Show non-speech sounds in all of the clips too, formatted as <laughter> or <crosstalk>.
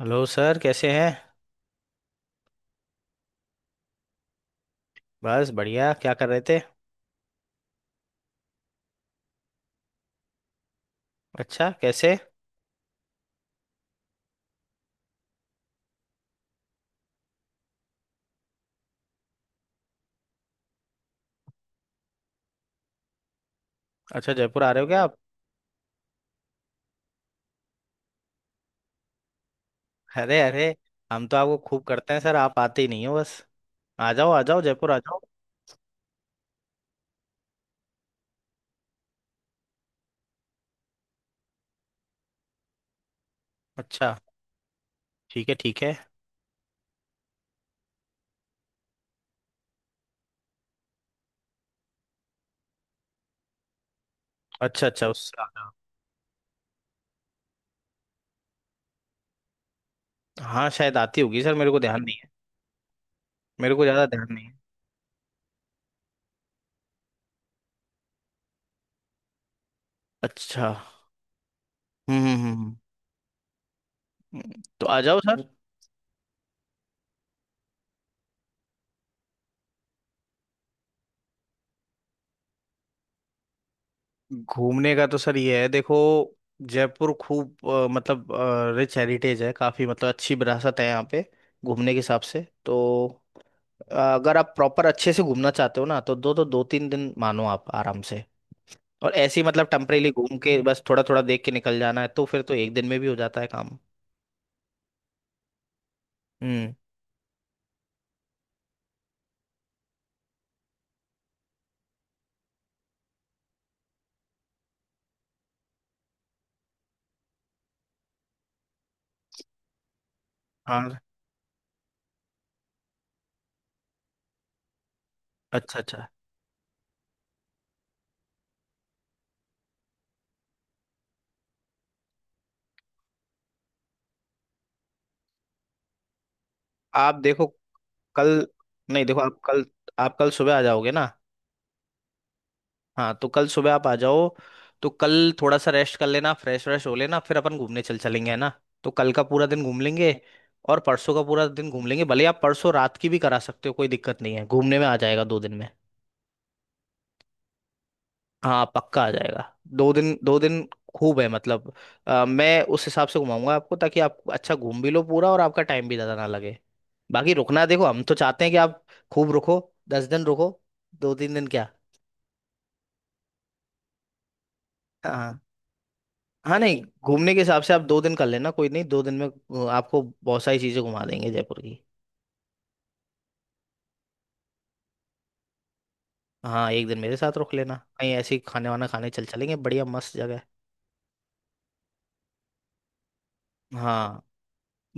Hello sir, कैसे हैं? बस बढ़िया, क्या कर रहे थे? अच्छा, कैसे? अच्छा, जयपुर आ रहे हो क्या आप? अरे अरे, हम तो आपको खूब करते हैं सर, आप आते ही नहीं हो बस। आ जाओ, आ जाओ, जयपुर आ जाओ। अच्छा। ठीक है, ठीक है। अच्छा अच्छा उस। हाँ, शायद आती होगी सर, मेरे को ध्यान नहीं है। मेरे को ज़्यादा ध्यान नहीं है। अच्छा। हम्म हम्म हम्म, तो आ जाओ सर। घूमने का तो सर ये है, देखो। जयपुर खूब, मतलब रिच हेरिटेज है काफ़ी, मतलब अच्छी विरासत है यहाँ पे। घूमने के हिसाब से तो अगर आप प्रॉपर अच्छे से घूमना चाहते हो ना, तो 2-3 दिन मानो आप आराम से। और ऐसे ही मतलब टेम्परेली घूम के बस थोड़ा थोड़ा देख के निकल जाना है, तो फिर तो 1 दिन में भी हो जाता है काम। हम्म। हाँ। अच्छा अच्छा। आप देखो, कल, नहीं देखो आप कल, आप कल सुबह आ जाओगे ना? हाँ, तो कल सुबह आप आ जाओ। तो कल थोड़ा सा रेस्ट कर लेना, फ्रेश व्रेश हो लेना, फिर अपन घूमने चल चलेंगे, है ना। तो कल का पूरा दिन घूम लेंगे और परसों का पूरा दिन घूम लेंगे। भले आप परसों रात की भी करा सकते हो, कोई दिक्कत नहीं है, घूमने में आ जाएगा 2 दिन में। हाँ, पक्का आ जाएगा। 2 दिन 2 दिन खूब है मतलब। मैं उस हिसाब से घुमाऊंगा आपको ताकि आप अच्छा घूम भी लो पूरा और आपका टाइम भी ज़्यादा ना लगे। बाकी रुकना, देखो हम तो चाहते हैं कि आप खूब रुको, 10 दिन रुको, 2-3 दिन क्या। हाँ। हाँ नहीं, घूमने के हिसाब से आप 2 दिन कर लेना, कोई नहीं, 2 दिन में आपको बहुत सारी चीज़ें घुमा देंगे जयपुर की। हाँ, एक दिन मेरे साथ रुक लेना, कहीं ऐसे ही खाने वाना खाने चल चलेंगे, बढ़िया मस्त जगह है। हाँ।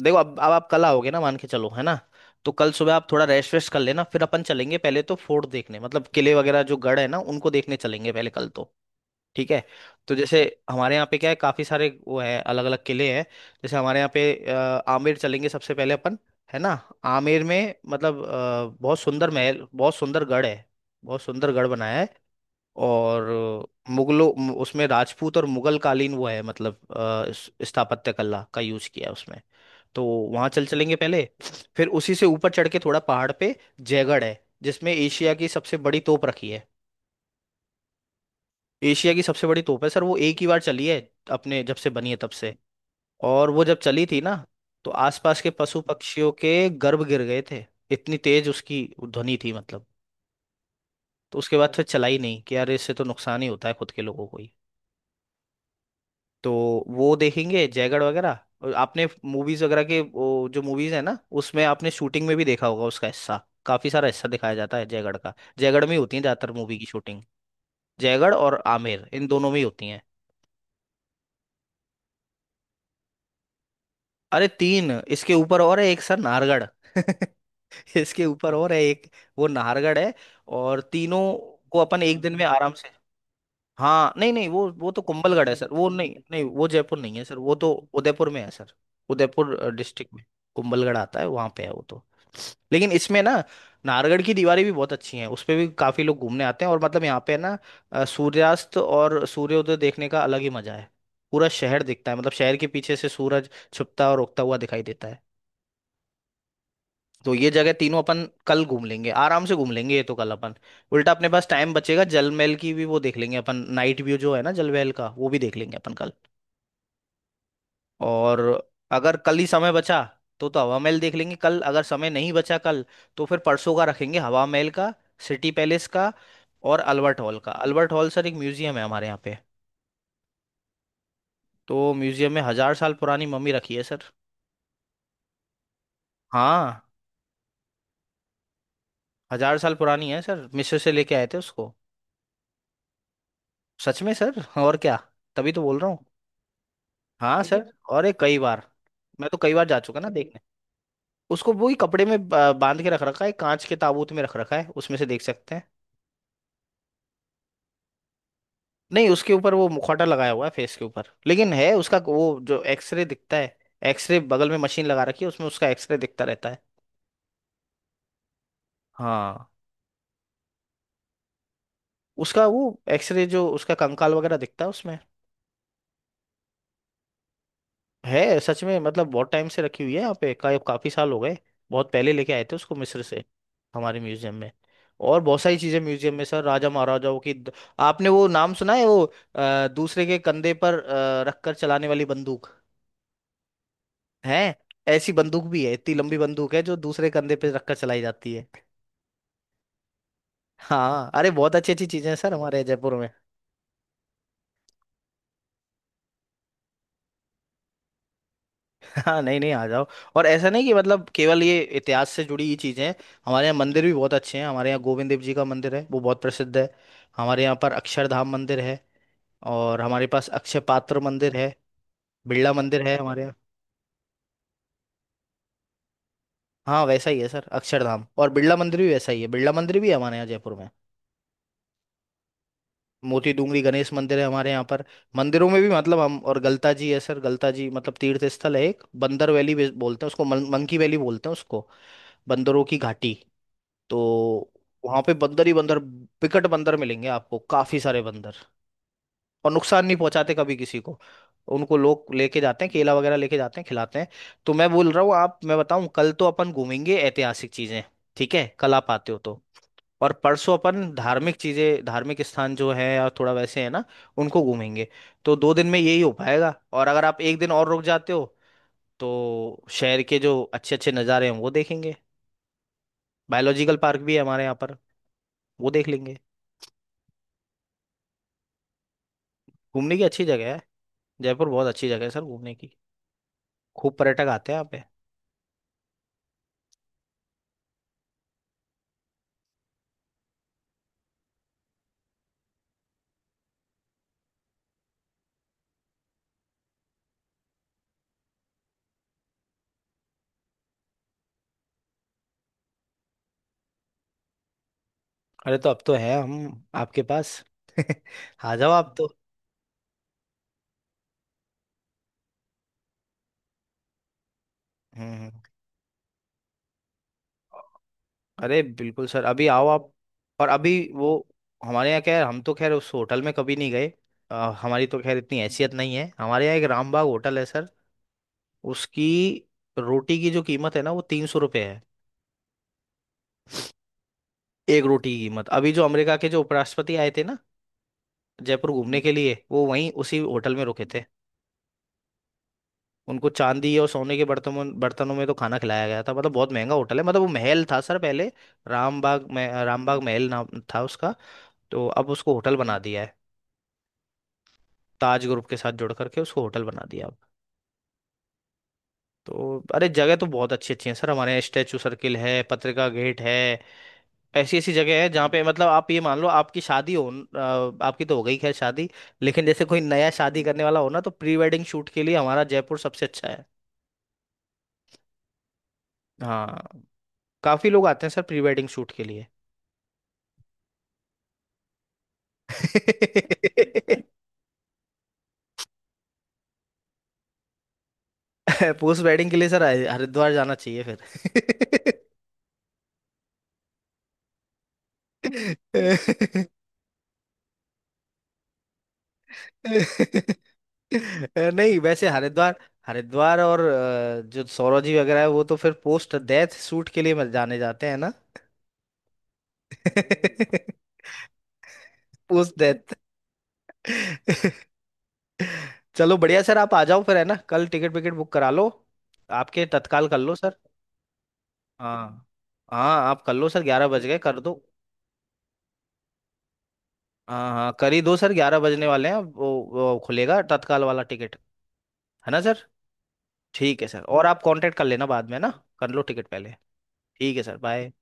देखो, अब आप कल आओगे ना, मान के चलो, है ना। तो कल सुबह आप थोड़ा रेस्ट वेस्ट कर लेना, फिर अपन चलेंगे पहले तो फोर्ट देखने, मतलब किले वगैरह जो गढ़ है ना उनको देखने चलेंगे पहले, कल तो। ठीक है। तो जैसे हमारे यहाँ पे क्या है, काफी सारे वो है, अलग अलग किले हैं। जैसे हमारे यहाँ पे आमेर चलेंगे सबसे पहले अपन, है ना। आमेर में मतलब बहुत सुंदर महल, बहुत सुंदर गढ़ है, बहुत सुंदर गढ़ बनाया है। और उसमें राजपूत और मुगल कालीन वो है, मतलब स्थापत्य कला का यूज किया है उसमें। तो वहां चल चलेंगे पहले, फिर उसी से ऊपर चढ़ के थोड़ा पहाड़ पे जयगढ़ है, जिसमें एशिया की सबसे बड़ी तोप रखी है। एशिया की सबसे बड़ी तोप है सर, वो एक ही बार चली है, अपने जब से बनी है तब से। और वो जब चली थी ना, तो आसपास के पशु पक्षियों के गर्भ गिर गए थे, इतनी तेज उसकी ध्वनि थी मतलब। तो उसके बाद फिर चला ही नहीं कि यार इससे तो नुकसान ही होता है खुद के लोगों को ही। तो वो देखेंगे जयगढ़ वगैरह। और आपने मूवीज वगैरह के वो जो मूवीज है ना, उसमें आपने शूटिंग में भी देखा होगा, उसका हिस्सा, काफी सारा हिस्सा दिखाया जाता है जयगढ़ का, जयगढ़ में ही होती है ज्यादातर मूवी की शूटिंग। जयगढ़ और आमेर, इन दोनों में ही होती है। अरे तीन इसके ऊपर और है, एक सर नाहरगढ़। <laughs> इसके ऊपर और है एक, वो नाहरगढ़ है। और तीनों को अपन एक दिन में आराम से। हाँ नहीं नहीं, वो तो कुंभलगढ़ है सर। वो नहीं नहीं, वो जयपुर नहीं है सर, वो तो उदयपुर में है सर। उदयपुर डिस्ट्रिक्ट में कुंभलगढ़ आता है, वहां पे है वो तो। लेकिन इसमें ना नाहरगढ़ की दीवारें भी बहुत अच्छी हैं, उस पे भी काफी लोग घूमने आते हैं। और मतलब यहाँ पे ना सूर्यास्त और सूर्योदय देखने का अलग ही मजा है। पूरा शहर दिखता है, मतलब शहर के पीछे से सूरज छुपता और उगता हुआ दिखाई देता है। तो ये जगह तीनों अपन कल घूम लेंगे आराम से, घूम लेंगे ये तो कल अपन। उल्टा अपने पास टाइम बचेगा, जल महल की भी वो देख लेंगे अपन, नाइट व्यू जो है ना जल महल का, वो भी देख लेंगे अपन कल। और अगर कल ही समय बचा तो हवा महल देख लेंगे। कल अगर समय नहीं बचा कल, तो फिर परसों का रखेंगे हवा महल का, सिटी पैलेस का, और अल्बर्ट हॉल का। अल्बर्ट हॉल सर एक म्यूजियम है हमारे यहाँ पे। तो म्यूजियम में 1,000 साल पुरानी मम्मी रखी है सर। हाँ, 1,000 साल पुरानी है सर, मिस्र से लेके आए थे उसको। सच में सर, और क्या, तभी तो बोल रहा हूँ। हाँ लेकिन सर, और ये कई बार, मैं तो कई बार जा चुका ना देखने। उसको वही कपड़े में बांध के रख रखा है, कांच के ताबूत में रख रखा है, उसमें से देख सकते हैं। नहीं, उसके ऊपर वो मुखौटा लगाया हुआ है फेस के ऊपर, लेकिन है उसका वो जो एक्सरे दिखता है। एक्सरे बगल में मशीन लगा रखी है, उसमें उसका एक्सरे दिखता रहता है। हाँ, उसका वो एक्सरे, जो उसका कंकाल वगैरह दिखता है उसमें। है सच में, मतलब बहुत टाइम से रखी हुई है यहाँ पे, काफी साल हो गए। बहुत पहले लेके आए थे उसको मिस्र से, हमारे म्यूजियम में। और बहुत सारी चीजें म्यूजियम में सर, राजा महाराजाओं की आपने वो नाम सुना है, वो दूसरे के कंधे पर रखकर चलाने वाली बंदूक है। ऐसी बंदूक भी है, इतनी लंबी बंदूक है जो दूसरे कंधे पे रखकर चलाई जाती है। हाँ अरे, बहुत अच्छी अच्छी चीजें हैं सर हमारे जयपुर में। हाँ नहीं नहीं, आ जाओ। और ऐसा नहीं कि मतलब केवल ये इतिहास से जुड़ी ही चीजें हैं। हमारे यहाँ मंदिर भी बहुत अच्छे हैं, हमारे यहाँ गोविंद देव जी का मंदिर है, वो बहुत प्रसिद्ध है। हमारे यहाँ पर अक्षरधाम मंदिर है, और हमारे पास अक्षय पात्र मंदिर है, बिरला मंदिर है हमारे यहाँ। हाँ वैसा ही है सर, अक्षरधाम और बिरला मंदिर भी वैसा ही है, बिरला मंदिर भी है हमारे यहाँ जयपुर में। मोती डूंगरी गणेश मंदिर है हमारे यहाँ पर। मंदिरों में भी मतलब हम, और गलता जी है सर, गलता जी मतलब तीर्थ स्थल है, एक बंदर वैली भी बोलते हैं उसको, मंकी वैली बोलते हैं उसको, बंदरों की घाटी। तो वहां पे बंदर ही बंदर, विकट बंदर मिलेंगे आपको, काफी सारे बंदर, और नुकसान नहीं पहुंचाते कभी किसी को। उनको लोग लेके जाते हैं, केला वगैरह लेके जाते हैं, खिलाते हैं। तो मैं बोल रहा हूँ आप, मैं बताऊं, कल तो अपन घूमेंगे ऐतिहासिक चीजें, ठीक है? कल आप आते हो तो। और परसों अपन धार्मिक चीजें, धार्मिक स्थान जो है या थोड़ा वैसे, है ना, उनको घूमेंगे। तो 2 दिन में यही हो पाएगा। और अगर आप एक दिन और रुक जाते हो तो शहर के जो अच्छे अच्छे नज़ारे हैं वो देखेंगे, बायोलॉजिकल पार्क भी है हमारे यहाँ पर, वो देख लेंगे। घूमने की अच्छी जगह है, जयपुर बहुत अच्छी जगह है सर घूमने की, खूब पर्यटक आते हैं यहाँ पे। अरे तो अब तो है हम आपके पास। <laughs> आ जाओ आप तो। हम्म। अरे बिल्कुल सर, अभी आओ आप। और अभी वो, हमारे यहाँ क्या है, हम तो खैर उस होटल में कभी नहीं गए। अ, हमारी तो खैर इतनी हैसियत नहीं है। हमारे यहाँ एक रामबाग होटल है सर, उसकी रोटी की जो कीमत है ना, वो 300 रुपये है। एक रोटी की कीमत। अभी जो अमेरिका के जो उपराष्ट्रपति आए थे ना जयपुर घूमने के लिए, वो वहीं उसी होटल में रुके थे। उनको चांदी और सोने के बर्तनों बर्तनों में तो खाना खिलाया गया था, मतलब बहुत महंगा होटल है। मतलब वो महल था सर पहले, रामबाग में, रामबाग महल नाम था उसका। तो अब उसको होटल बना दिया है, ताज ग्रुप के साथ जोड़ करके उसको होटल बना दिया अब। तो अरे जगह तो बहुत अच्छी अच्छी है सर हमारे यहाँ, स्टैचू सर्किल है, पत्रिका गेट है। ऐसी ऐसी जगह है जहाँ पे मतलब आप ये मान लो आपकी शादी हो। आपकी तो हो गई खैर शादी, लेकिन जैसे कोई नया शादी करने वाला हो ना, तो प्री वेडिंग शूट के लिए हमारा जयपुर सबसे अच्छा है। हाँ। काफी लोग आते हैं सर प्री वेडिंग शूट के लिए। <laughs> पोस्ट वेडिंग के लिए सर हरिद्वार जाना चाहिए फिर। <laughs> नहीं वैसे हरिद्वार, हरिद्वार और जो सौरव जी वगैरह है, वो तो फिर पोस्ट डेथ शूट के लिए जाने जाते हैं ना। <laughs> Post death. चलो बढ़िया सर, आप आ जाओ फिर, है ना। कल टिकट विकेट बुक करा लो, आपके तत्काल कर लो सर। हाँ हाँ, आप कर लो सर, 11 बज गए, कर दो। हाँ हाँ, कर ही दो सर, 11 बजने वाले हैं, वो खुलेगा तत्काल वाला टिकट। है ना सर। ठीक है सर, और आप कांटेक्ट कर लेना बाद में ना। कर लो टिकट पहले। ठीक है सर, बाय।